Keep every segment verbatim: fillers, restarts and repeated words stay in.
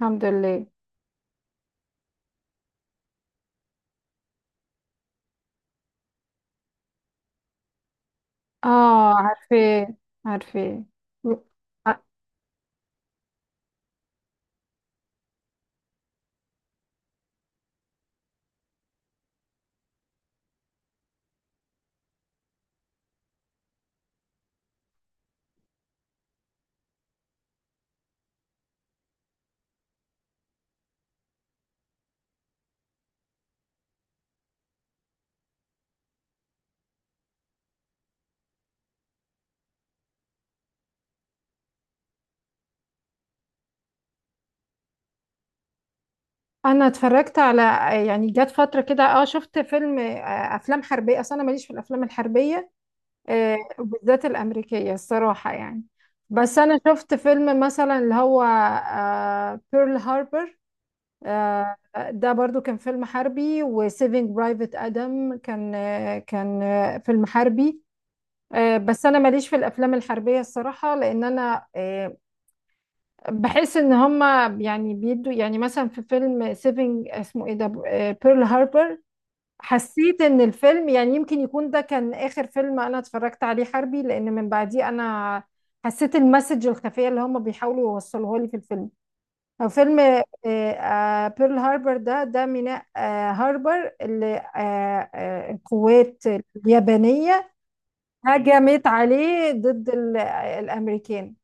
الحمد لله. اه عارفة. عارفة. انا اتفرجت على، يعني جت فترة كده اه شفت فيلم، آه، افلام حربية. اصل انا ماليش في الافلام الحربية، آه، وبالذات الامريكية الصراحة يعني. بس انا شفت فيلم مثلا اللي هو بيرل هاربر. ده برضو كان فيلم حربي، وسيفينج برايفت ادم كان آه، كان آه، فيلم حربي. آه، بس انا ماليش في الافلام الحربيه الصراحه لان انا، آه، بحس ان هما يعني بيدوا، يعني مثلا في فيلم سيفنج، اسمه ايه ده؟ بيرل هاربر. حسيت ان الفيلم، يعني يمكن يكون ده كان اخر فيلم انا اتفرجت عليه حربي، لان من بعديه انا حسيت المسج الخفية اللي هما بيحاولوا يوصلوها لي في الفيلم. هو فيلم بيرل هاربر ده ده ميناء آه، هاربر، اللي آه، آه، القوات اليابانية هجمت عليه ضد ال- آه، الامريكان.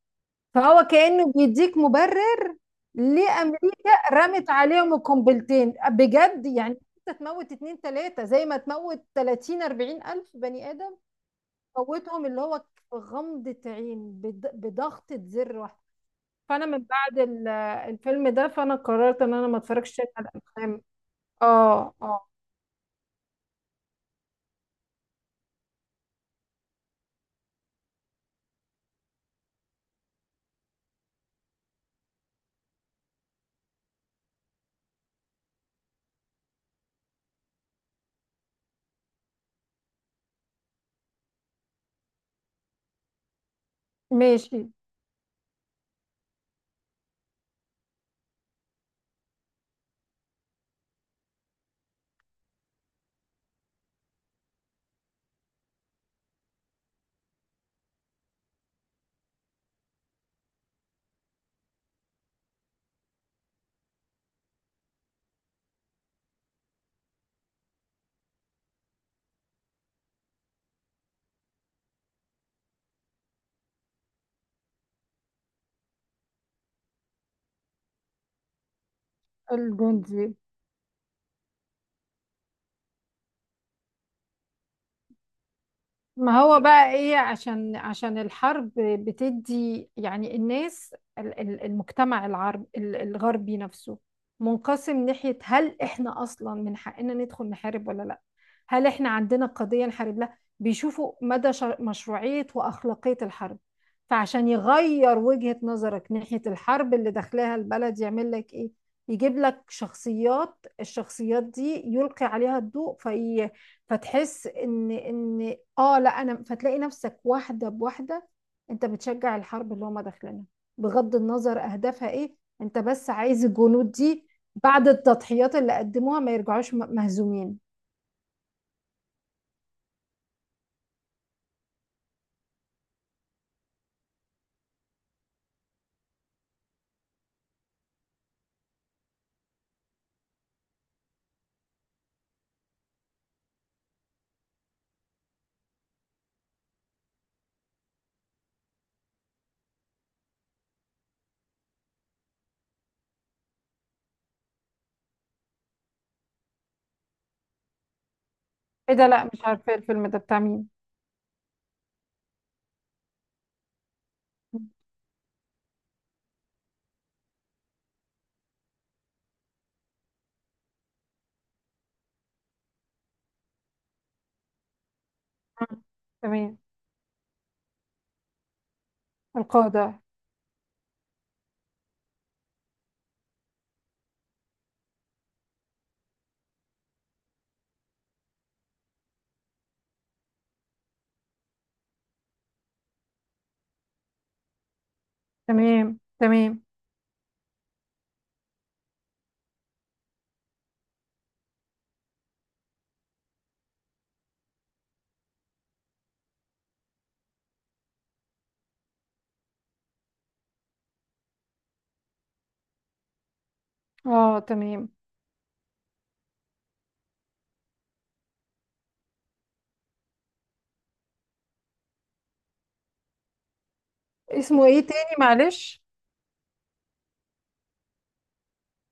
فهو كأنه بيديك مبرر ليه أمريكا رمت عليهم القنبلتين بجد يعني. أنت تموت اتنين تلاتة زي ما تموت ثلاثين أربعين ألف بني آدم. موتهم اللي هو غمضة عين، بض- بضغطة زر واحدة. فأنا من بعد ال- الفيلم ده، فأنا قررت إن أنا ما أتفرجش تاني على الأفلام. آه. آه. ماشي. الجندي. ما هو بقى ايه؟ عشان عشان الحرب بتدي يعني الناس، ال- ال- المجتمع العرب ال- الغربي نفسه منقسم. ناحية هل احنا اصلا من حقنا ندخل نحارب ولا لا؟ هل احنا عندنا قضية نحارب لها؟ بيشوفوا مدى شر- مشروعية واخلاقية الحرب. فعشان يغير وجهة نظرك ناحية الحرب اللي داخلها البلد، يعمل لك ايه؟ يجيب لك شخصيات. الشخصيات دي يلقي عليها الضوء في، فتحس ان ان اه لا انا فتلاقي نفسك واحده بواحده انت بتشجع الحرب اللي هم داخلينها. بغض النظر اهدافها ايه، انت بس عايز الجنود دي بعد التضحيات اللي قدموها ما يرجعوش م- مهزومين. ايه ده؟ لا مش عارفه الفيلم ده بتاع مين. مم. تمام. القاعده. تمام. تمام. اه، تمام. اسمه ايه تاني معلش؟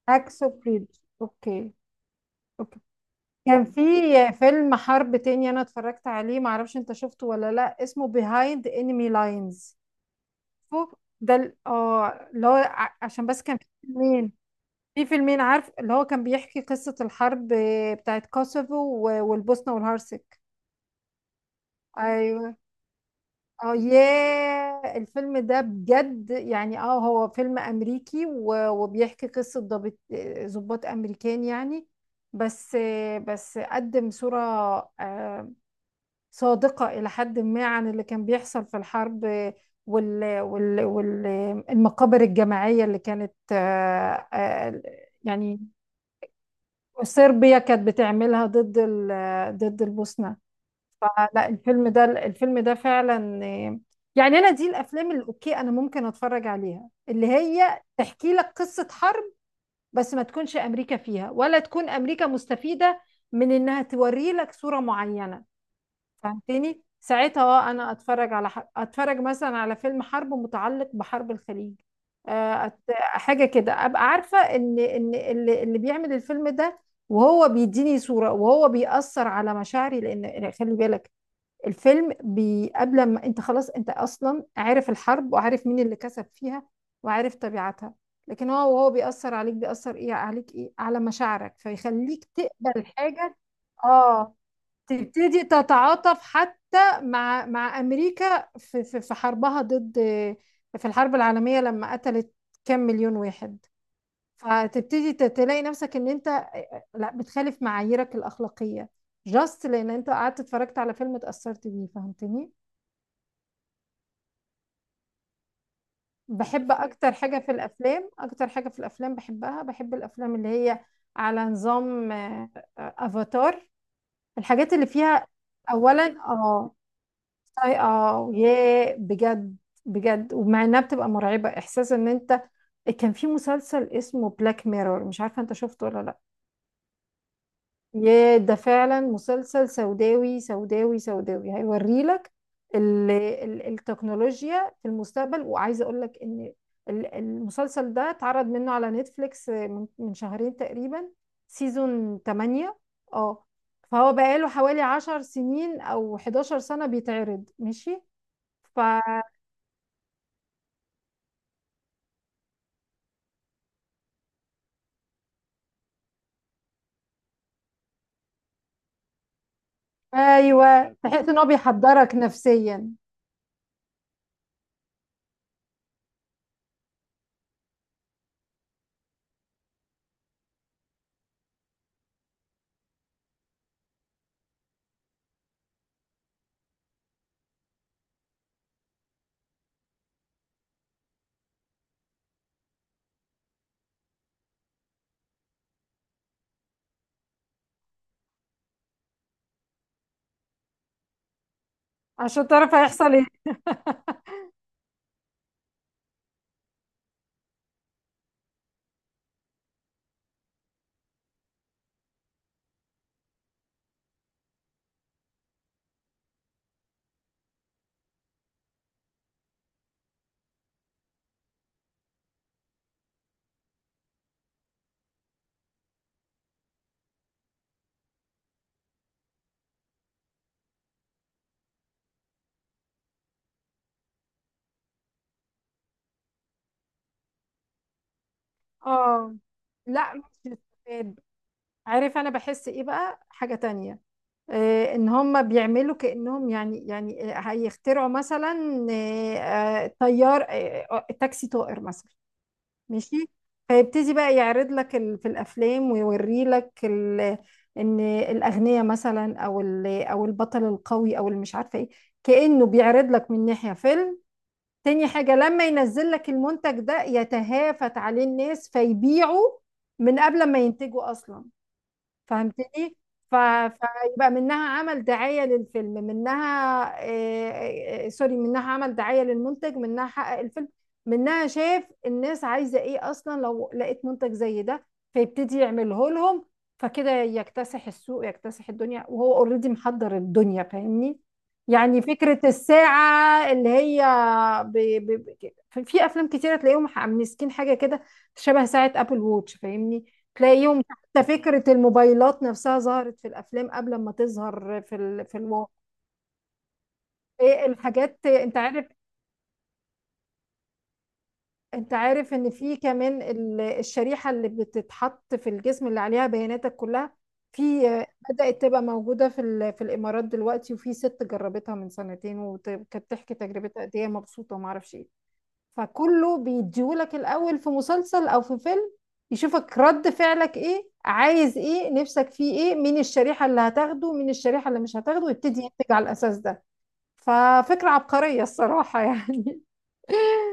اكسو بريدج. اوكي. كان في فيلم حرب تاني انا اتفرجت عليه، معرفش انت شفته ولا لا، اسمه Behind Enemy Lines. شوف، ده ال- اه اللي هو، ع- عشان بس كان في فيلمين. في فيلمين، عارف، اللي هو كان بيحكي قصة الحرب بتاعت كوسوفو و- والبوسنة والهرسك. ايوه. اه، ياه الفيلم ده بجد يعني. اه، هو فيلم امريكي و- وبيحكي قصة ضابط، آه، ضباط امريكان يعني. بس بس قدم صورة آه، صادقة إلى حد ما عن اللي كان بيحصل في الحرب، وال وال والمقابر الجماعية اللي كانت آه، آه، يعني صربيا كانت بتعملها ضد ال- ضد البوسنة. فلا، الفيلم ده الفيلم ده فعلا، آه، يعني أنا دي الأفلام اللي أوكي أنا ممكن أتفرج عليها، اللي هي تحكي لك قصة حرب، بس ما تكونش أمريكا فيها، ولا تكون أمريكا مستفيدة من إنها توري لك صورة معينة. فهمتني ساعتها؟ اه، انا اتفرج على، ح... اتفرج مثلا على فيلم حرب متعلق بحرب الخليج، آه، أت... حاجه كده. ابقى عارفه ان ان اللي, اللي بيعمل الفيلم ده وهو بيديني صوره وهو بيأثر على مشاعري. لان خلي بالك الفيلم، بي... قبل ما انت خلاص، انت اصلا عارف الحرب، وعارف مين اللي كسب فيها، وعارف طبيعتها. لكن هو وهو بيأثر عليك، بيأثر ايه عليك؟ ايه، على مشاعرك، فيخليك تقبل حاجه. اه، تبتدي تتعاطف حتى مع مع امريكا في في في حربها ضد، في الحرب العالميه، لما قتلت كام مليون واحد. فتبتدي ت- تلاقي نفسك ان انت لا، بتخالف معاييرك الاخلاقيه جاست لان انت قعدت اتفرجت على فيلم اتاثرت بيه. فهمتني؟ بحب اكتر حاجه في الافلام، اكتر حاجه في الافلام بحبها، بحب الافلام اللي هي على نظام آه، آه، افاتار، الحاجات اللي فيها. اولا اه. أي- اه ياه بجد، بجد. ومع انها بتبقى مرعبة احساس ان انت، كان في مسلسل اسمه بلاك ميرور، مش عارفة انت شفته ولا لا. ياه، ده فعلا مسلسل سوداوي سوداوي سوداوي، هيوريلك ال ال التكنولوجيا في المستقبل. وعايزة اقول لك ان ال- المسلسل ده اتعرض منه على نتفليكس من من شهرين تقريبا، سيزون تمانية. اه، فهو بقاله حوالي 10 سنين او 11 سنة بيتعرض. ماشي. ف، ايوه، بحيث ان هو بيحضرك نفسيا عشان تعرف هيحصل ايه. اه. لا، مش بتستفاد. عارف انا بحس ايه بقى؟ حاجة تانية. آه، ان هم بيعملوا كأنهم يعني يعني آه، هيخترعوا مثلا، آه آه، طيار، آه آه، تاكسي طائر مثلا، ماشي. فيبتدي بقى يعرض لك ال- في الافلام، ويوري لك ال- ان الاغنياء مثلا، او ال- او البطل القوي، او اللي مش عارفه ايه. كأنه بيعرض لك من ناحية فيلم. تاني حاجة، لما ينزل لك المنتج ده يتهافت عليه الناس، فيبيعوا من قبل ما ينتجوا أصلا. فهمتني؟ ف... فيبقى منها عمل دعاية للفيلم، منها آه، آه، سوري، منها عمل دعاية للمنتج، منها حقق الفيلم، منها شاف الناس عايزة ايه اصلا لو لقيت منتج زي ده، فيبتدي يعمله لهم. فكده يكتسح السوق، يكتسح الدنيا، وهو اوريدي محضر الدنيا. فاهمني؟ يعني فكرة الساعة اللي هي، ب... ب... ب- في أفلام كتيرة تلاقيهم مسكين حاجة كده شبه ساعة أبل ووتش، فاهمني. تلاقيهم، ده فكرة الموبايلات نفسها ظهرت في الأفلام قبل ما تظهر في ال... في الواقع. إيه الحاجات؟ أنت عارف، أنت عارف إن في كمان ال- الشريحة اللي بتتحط في الجسم اللي عليها بياناتك كلها، في آه، بدأت تبقى موجودة في ال... في الإمارات دلوقتي، وفي ست جربتها من سنتين وكانت تحكي تجربتها قد إيه هي مبسوطة وما أعرفش إيه. فكله بيديهولك الاول في مسلسل او في فيلم، يشوفك رد فعلك ايه، عايز ايه، نفسك فيه ايه، مين الشريحة اللي هتاخده، مين الشريحة اللي مش هتاخده، ويبتدي ينتج على الاساس ده. ففكرة عبقرية الصراحة يعني.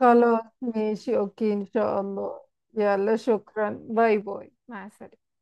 خلاص ماشي، اوكي، ان شاء الله. يلا شكرا، باي باي، مع السلامة.